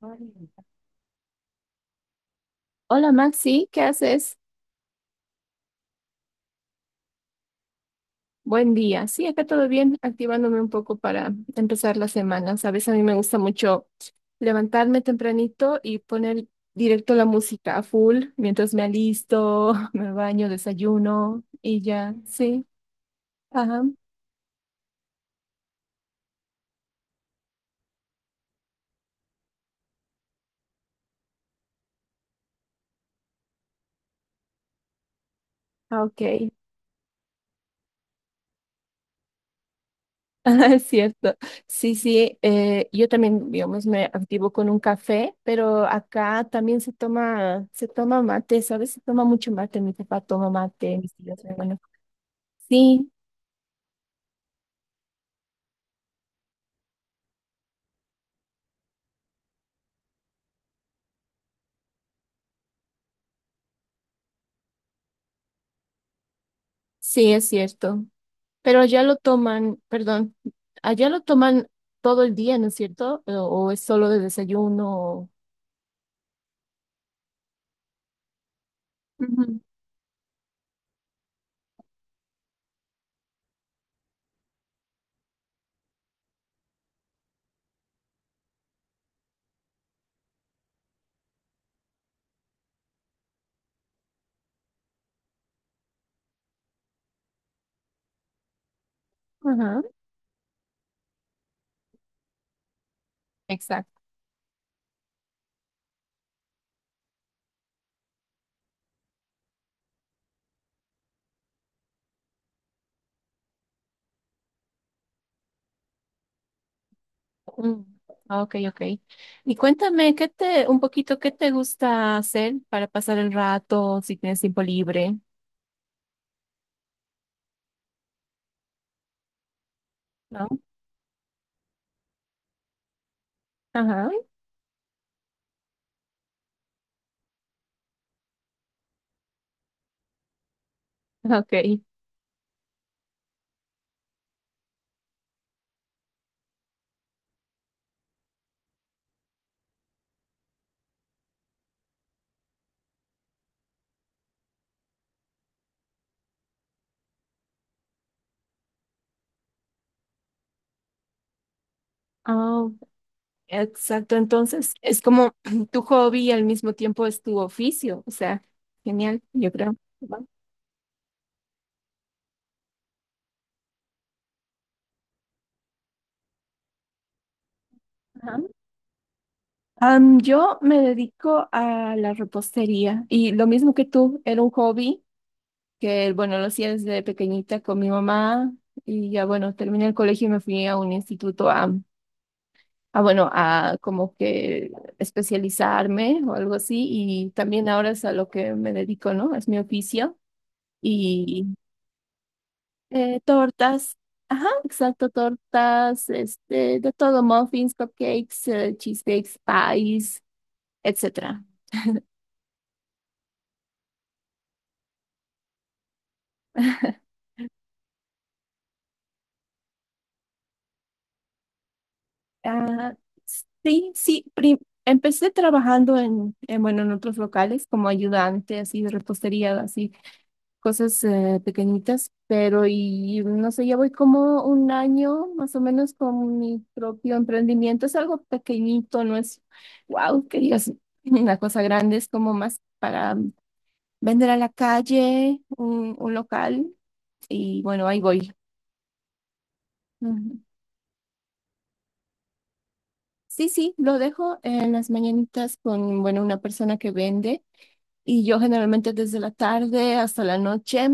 Hola Maxi, ¿qué haces? Buen día. Sí, acá todo bien, activándome un poco para empezar la semana. Sabes, a mí me gusta mucho levantarme tempranito y poner directo la música a full mientras me alisto, me baño, desayuno y ya. Sí, ajá, ah, ok. Ah, es cierto. Sí, sí, yo también, digamos, me activo con un café, pero acá también se toma mate, ¿sabes? Se toma mucho mate, mi papá toma mate, mis tíos, mi hermano. Sí, sí, es cierto. Pero allá lo toman, perdón, allá lo toman todo el día, ¿no es cierto? O es solo de desayuno. Ujú, ajá, exacto. Mm, ah, ok, ok. Y cuéntame, ¿qué te, un poquito, qué te gusta hacer para pasar el rato si tienes tiempo libre? ¿No? Ajá, ok. Ah, exacto. Entonces, es como tu hobby y al mismo tiempo es tu oficio. O sea, genial, yo creo. Ajá. Yo me dedico a la repostería y lo mismo que tú, era un hobby que, bueno, lo hacía desde pequeñita con mi mamá y ya, bueno, terminé el colegio y me fui a un instituto a, bueno, a como que especializarme o algo así y también ahora es a lo que me dedico, ¿no? Es mi oficio y tortas, ajá, exacto, tortas, este, de todo, muffins, cupcakes, cheesecakes, pies, etcétera. Ah, sí, sí, empecé trabajando en, bueno, en otros locales como ayudante, así de repostería, así, cosas pequeñitas, pero y no sé, ya voy como un año más o menos con mi propio emprendimiento. Es algo pequeñito, no es, wow, que digas una cosa grande, es como más para vender a la calle, un local, y bueno, ahí voy. Ujú. Sí, sí, lo dejo en las mañanitas con, bueno, una persona que vende. Y yo generalmente desde la tarde hasta la noche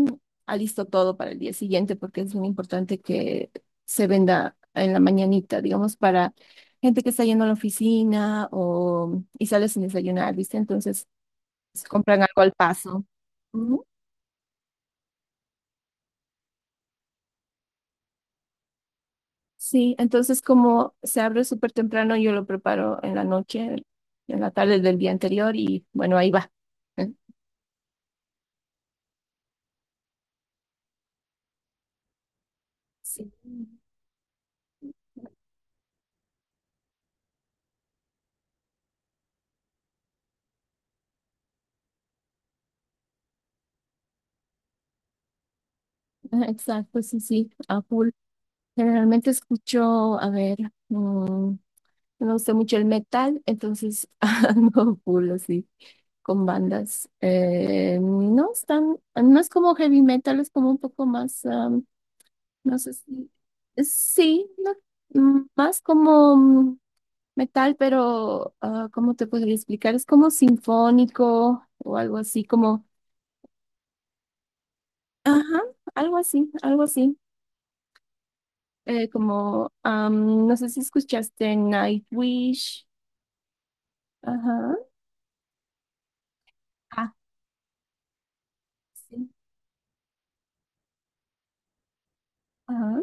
alisto todo para el día siguiente porque es muy importante que se venda en la mañanita, digamos, para gente que está yendo a la oficina o y sale sin desayunar, ¿viste? Entonces se compran algo al paso. Ujú. Sí, entonces como se abre súper temprano, yo lo preparo en la noche, en la tarde del día anterior y bueno, ahí va. ¿Eh? Sí, ajá, exacto, sí, sí, apuro. Generalmente escucho, a ver, mm, me gusta mucho el metal, entonces ando full así con bandas. No están, no es como heavy metal, es como un poco más, am, no sé si, sí, no, mm, más como metal, pero ah, ¿cómo te podría explicar? Es como sinfónico o algo así, como, ajá, algo así, algo así. Como, am, no sé si escuchaste Nightwish, ajá. Ah, sí. Ajá,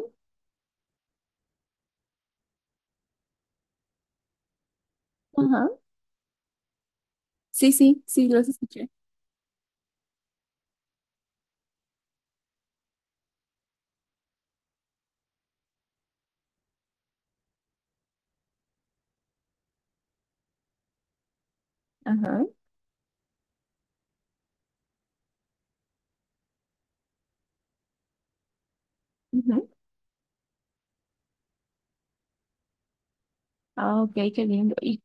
ajá. Sí, sí, sí, los escuché. Ajá. Ujú. Ah, ok, qué lindo. Y,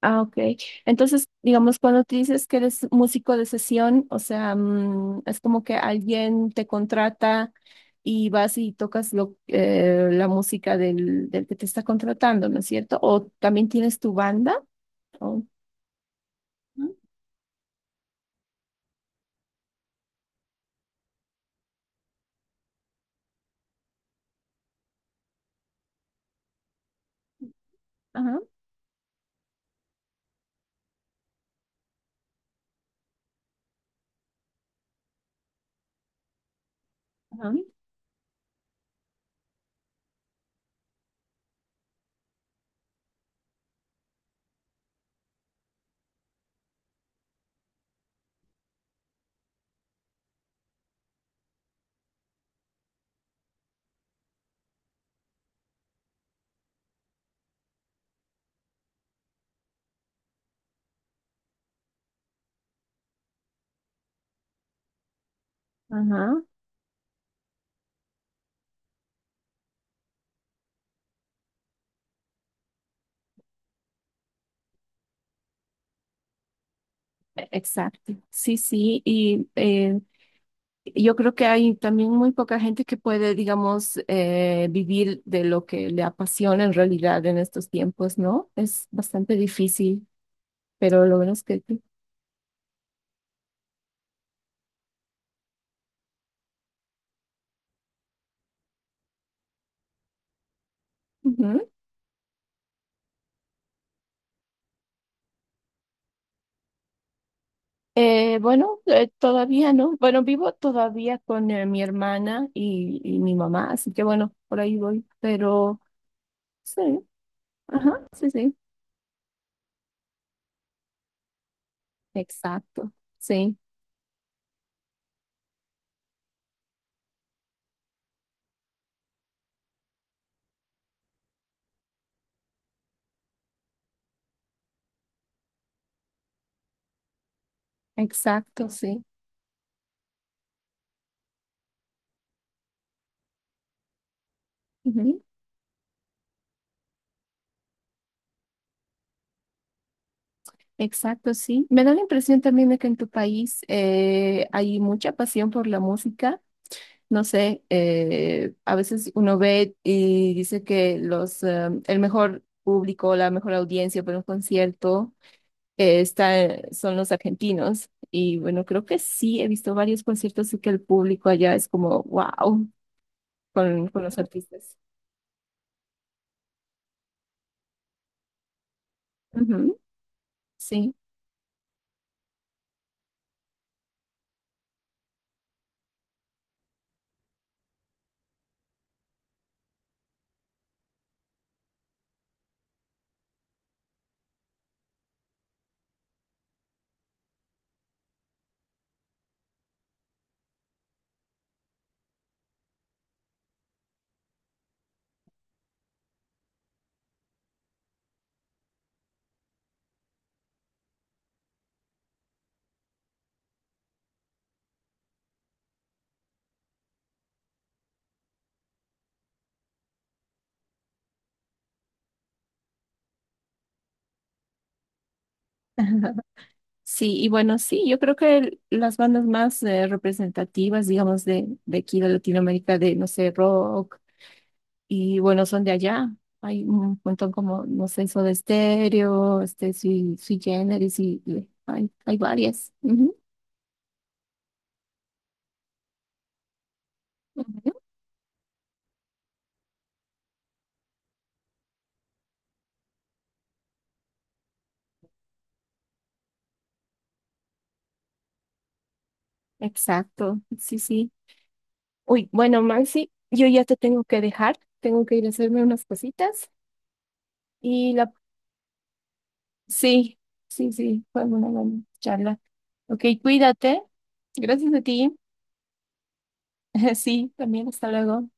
ah, ok. Entonces, digamos, cuando te dices que eres músico de sesión, o sea, es como que alguien te contrata y vas y tocas lo, la música del, del que te está contratando, ¿no es cierto? O también tienes tu banda. o- Ajá, ajá, ajá. Exacto. Sí, sí. Y yo creo que hay también muy poca gente que puede, digamos, vivir de lo que le apasiona en realidad en estos tiempos, ¿no? Es bastante difícil, pero lo bueno es que... Ujú. Bueno, todavía no. Bueno, vivo todavía con mi hermana y mi mamá, así que bueno, por ahí voy. Pero sí, ajá, sí, sí, exacto, sí, exacto, sí. Ujú. Exacto, sí. Me da la impresión también de que en tu país hay mucha pasión por la música. No sé, a veces uno ve y dice que los, el mejor público, la mejor audiencia para un concierto está, son los argentinos. Y bueno, creo que sí, he visto varios conciertos y que el público allá es como, wow, con los artistas. Ujú, sí. Sí, y bueno, sí, yo creo que el- las bandas más representativas, digamos, de aquí de Latinoamérica, de, no sé, rock, y bueno, son de allá. Hay un montón como, no sé, Soda Stereo, este, Sui, Sui Generis, y hay, hay varias. Ujú, ujú. Exacto, sí, sí. Uy, bueno, Maxi, yo ya te tengo que dejar, tengo que ir a hacerme unas cositas, y la, sí, sí, sí, fue una buena charla. Ok, cuídate, gracias a ti. Sí, también, hasta luego.